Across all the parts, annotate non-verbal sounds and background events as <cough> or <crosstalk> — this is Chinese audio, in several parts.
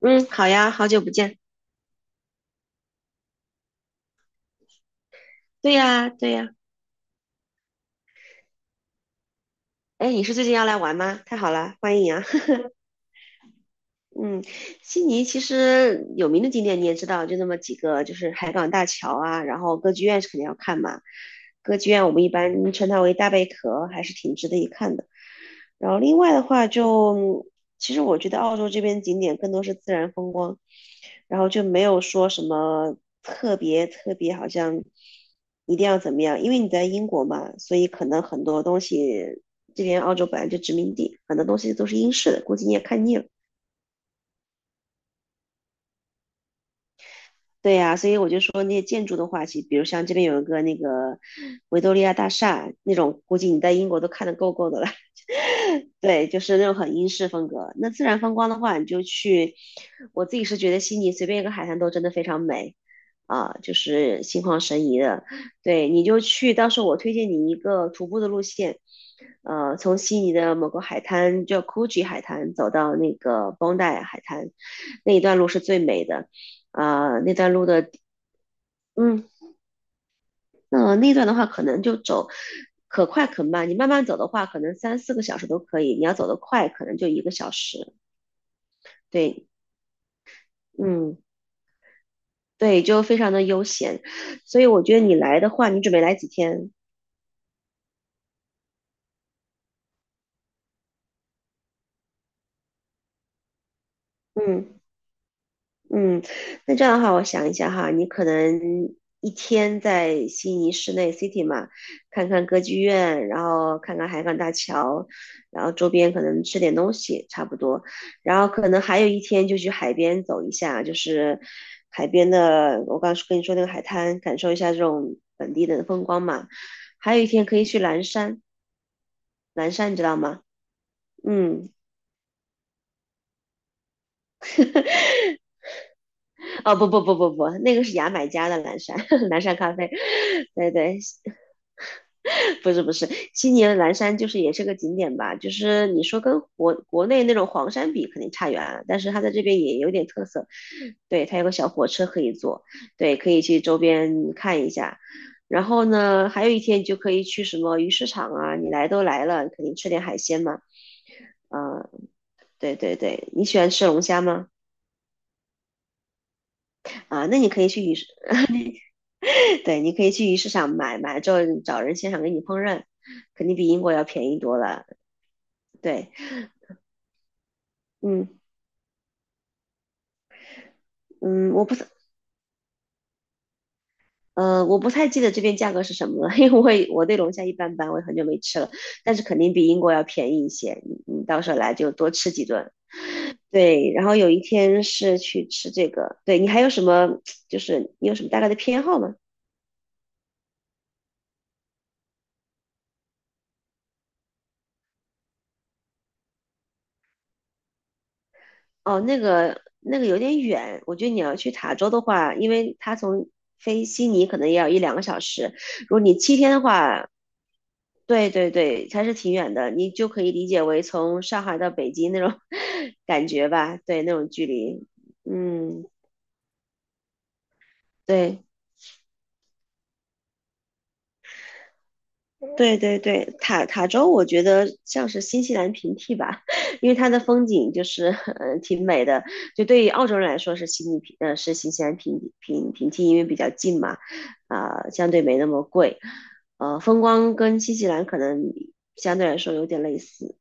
嗯，好呀，好久不见。对呀，对呀。哎，你是最近要来玩吗？太好了，欢迎啊。<laughs> 嗯，悉尼其实有名的景点你也知道，就那么几个，就是海港大桥啊，然后歌剧院是肯定要看嘛。歌剧院我们一般称它为大贝壳，还是挺值得一看的。然后另外的话就，其实我觉得澳洲这边景点更多是自然风光，然后就没有说什么特别特别，好像一定要怎么样，因为你在英国嘛，所以可能很多东西，这边澳洲本来就殖民地，很多东西都是英式的，估计你也看腻了。对呀，所以我就说那些建筑的话，其实比如像这边有一个那个维多利亚大厦那种，估计你在英国都看得够够的了。<laughs> 对，就是那种很英式风格。那自然风光的话，你就去，我自己是觉得悉尼随便一个海滩都真的非常美啊，就是心旷神怡的。对，你就去，到时候我推荐你一个徒步的路线，从悉尼的某个海滩叫 Coogee 海滩走到那个 Bondi 海滩，那一段路是最美的，啊，那段路的，嗯，那段的话，可能就走可快可慢。你慢慢走的话，可能三四个小时都可以；你要走得快，可能就1个小时。对，嗯，对，就非常的悠闲。所以我觉得你来的话，你准备来几天？嗯。嗯，那这样的话，我想一下哈，你可能一天在悉尼市内 City 嘛，看看歌剧院，然后看看海港大桥，然后周边可能吃点东西，差不多。然后可能还有一天就去海边走一下，就是海边的，我刚跟你说那个海滩，感受一下这种本地的风光嘛。还有一天可以去蓝山，蓝山你知道吗？嗯，哦不不不不不，那个是牙买加的蓝山，<laughs> 蓝山咖啡，<laughs> 对对，<laughs> 不是不是，悉尼的蓝山就是也是个景点吧，就是你说跟国内那种黄山比肯定差远了，但是它在这边也有点特色，对，它有个小火车可以坐，对，可以去周边看一下。然后呢，还有一天就可以去什么鱼市场啊，你来都来了，肯定吃点海鲜嘛。啊，对对对，你喜欢吃龙虾吗？啊，那你可以去鱼市，<laughs> 对，你可以去鱼市场买，买了之后找人现场给你烹饪，肯定比英国要便宜多了。对，嗯嗯，我不是我不太记得这边价格是什么了，因为我对龙虾一般般，我也很久没吃了，但是肯定比英国要便宜一些。你到时候来就多吃几顿。对，然后有一天是去吃这个。对你还有什么？就是你有什么大概的偏好吗？哦，那个有点远，我觉得你要去塔州的话，因为它从飞悉尼可能也要1、2个小时，如果你七天的话，对对对，还是挺远的，你就可以理解为从上海到北京那种 <laughs> 感觉吧，对，那种距离。嗯，对对对对，塔州我觉得像是新西兰平替吧，<laughs> 因为它的风景就是 <laughs> 挺美的，就对于澳洲人来说是悉尼平是新西兰平替，因为比较近嘛，啊，相对没那么贵，风光跟新西兰可能相对来说有点类似，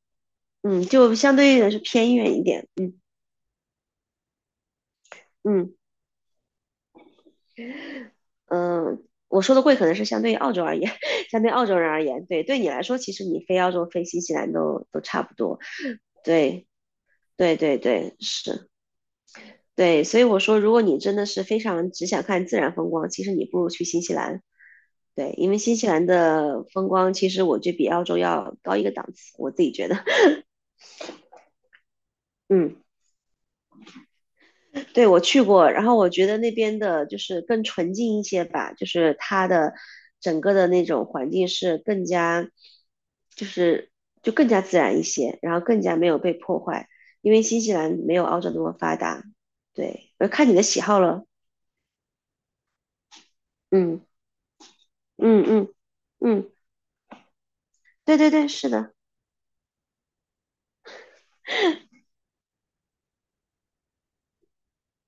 就相对来说偏远一点，嗯。嗯，我说的贵可能是相对于澳洲而言，<laughs> 相对澳洲人而言，对，对你来说，其实你飞澳洲、飞新西兰都差不多。对，对，对，对，是，对，所以我说，如果你真的是非常只想看自然风光，其实你不如去新西兰。对，因为新西兰的风光其实我觉得比澳洲要高一个档次，我自己觉得。<laughs> 嗯。对，我去过，然后我觉得那边的就是更纯净一些吧，就是它的整个的那种环境是更加，就是更加自然一些，然后更加没有被破坏，因为新西兰没有澳洲那么发达。对，我看你的喜好了，嗯嗯嗯嗯，对对对，是的，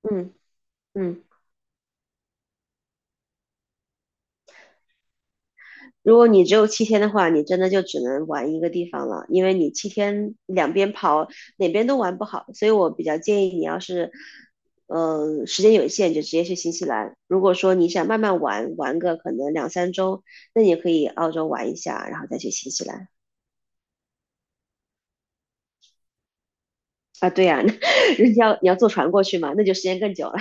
嗯嗯。如果你只有七天的话，你真的就只能玩一个地方了，因为你七天两边跑，哪边都玩不好。所以我比较建议你，要是，时间有限，就直接去新西兰。如果说你想慢慢玩，玩个可能2、3周，那你可以澳洲玩一下，然后再去新西兰。啊，对呀，<laughs> 人家要你要坐船过去嘛，那就时间更久了。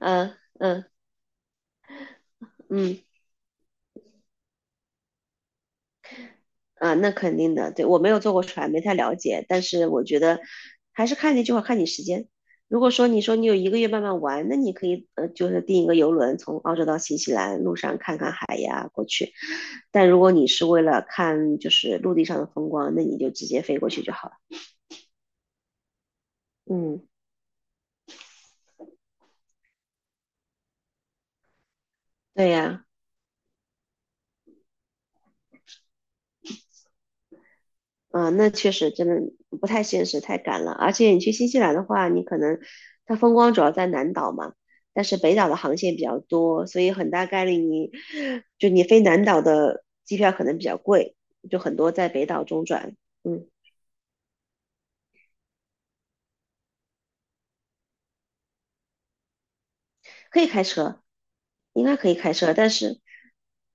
嗯嗯嗯。啊，那肯定的，对，我没有坐过船，没太了解，但是我觉得还是看那句话，看你时间。如果说你说你有1个月慢慢玩，那你可以就是订一个游轮从澳洲到新西兰，路上看看海呀过去。但如果你是为了看就是陆地上的风光，那你就直接飞过去就好了。嗯，对呀，嗯，那确实真的不太现实，太赶了。而且你去新西兰的话，你可能它风光主要在南岛嘛，但是北岛的航线比较多，所以很大概率你飞南岛的机票可能比较贵，就很多在北岛中转。嗯，可以开车，应该可以开车，但是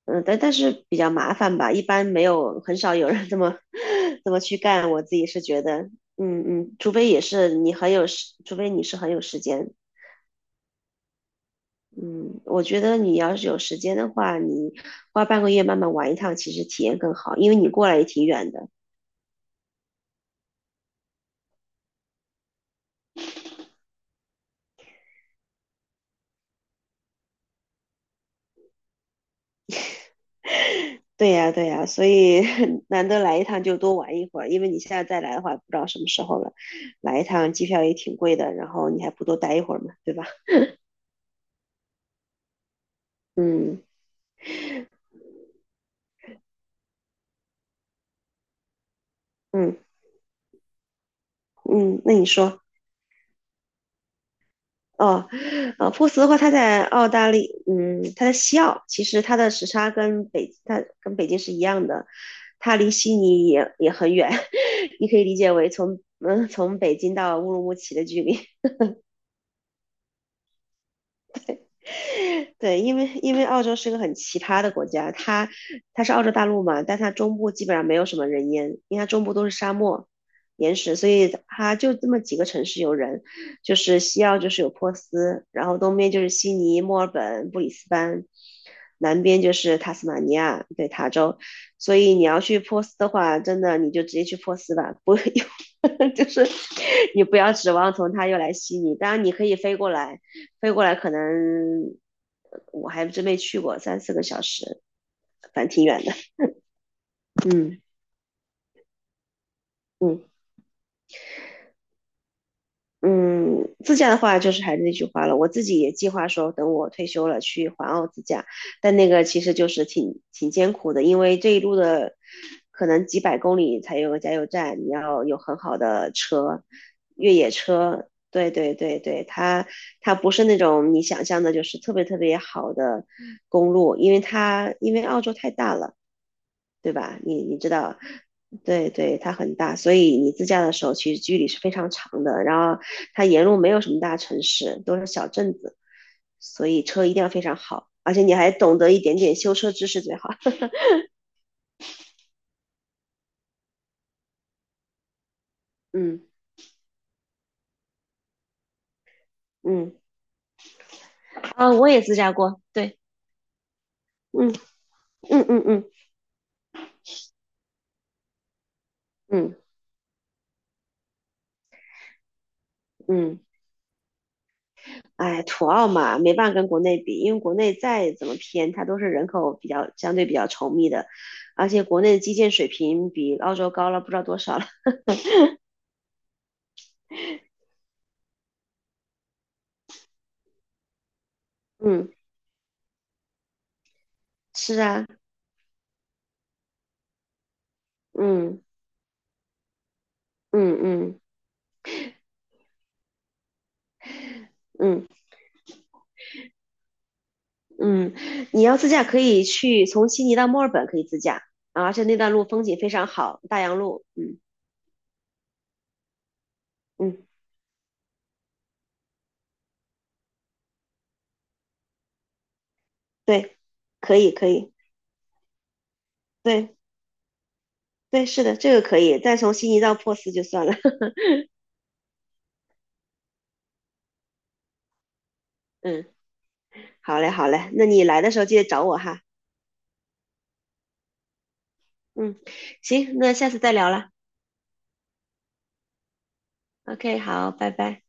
嗯，但但是比较麻烦吧，一般没有很少有人这么 <laughs> 这么去干。我自己是觉得，除非也是你很有时，除非你是很有时间。嗯，我觉得你要是有时间的话，你花半个月慢慢玩一趟，其实体验更好，因为你过来也挺远的。对呀，对呀，所以 <laughs> 难得来一趟就多玩一会儿，因为你现在再来的话，不知道什么时候了。来一趟机票也挺贵的，然后你还不多待一会儿嘛，对吧？嗯嗯嗯，那你说。哦，珀斯的话，它在澳大利，它在西澳，其实它的时差跟北，它跟北京是一样的，它离悉尼也很远，<laughs> 你可以理解为从，从北京到乌鲁木齐的距离。<laughs> 对，因为澳洲是个很奇葩的国家，它是澳洲大陆嘛，但它中部基本上没有什么人烟，因为它中部都是沙漠、岩石，所以它就这么几个城市有人，就是西澳就是有珀斯，然后东边就是悉尼、墨尔本、布里斯班，南边就是塔斯马尼亚，对，塔州，所以你要去珀斯的话，真的你就直接去珀斯吧，不 <laughs> 就是你不要指望从它又来悉尼，当然你可以飞过来。飞过来可能我还真没去过，三四个小时，反正挺远的。嗯嗯嗯，自驾的话就是还是那句话了，我自己也计划说等我退休了去环澳自驾，但那个其实就是挺挺艰苦的，因为这一路的可能几百公里才有个加油站，你要有很好的车，越野车。对对对对，它不是那种你想象的，就是特别特别好的公路，因为澳洲太大了，对吧？你知道，对对，它很大，所以你自驾的时候其实距离是非常长的。然后它沿路没有什么大城市，都是小镇子，所以车一定要非常好，而且你还懂得一点点修车知识最好。<laughs> 嗯嗯，啊，我也自驾过，对，嗯嗯嗯嗯嗯嗯，哎，土澳嘛，没办法跟国内比，因为国内再怎么偏，它都是人口比较相对比较稠密的，而且国内的基建水平比澳洲高了不知道多少了。<laughs> 嗯，是啊。嗯嗯嗯嗯嗯，你要自驾可以去从悉尼到墨尔本可以自驾，啊而且那段路风景非常好，大洋路，嗯嗯，对，可以可以，对对，是的，这个可以，再从悉尼到珀斯就算了，<laughs> 嗯，好嘞好嘞，那你来的时候记得找我哈，嗯，行，那下次再聊了，OK，好，拜拜。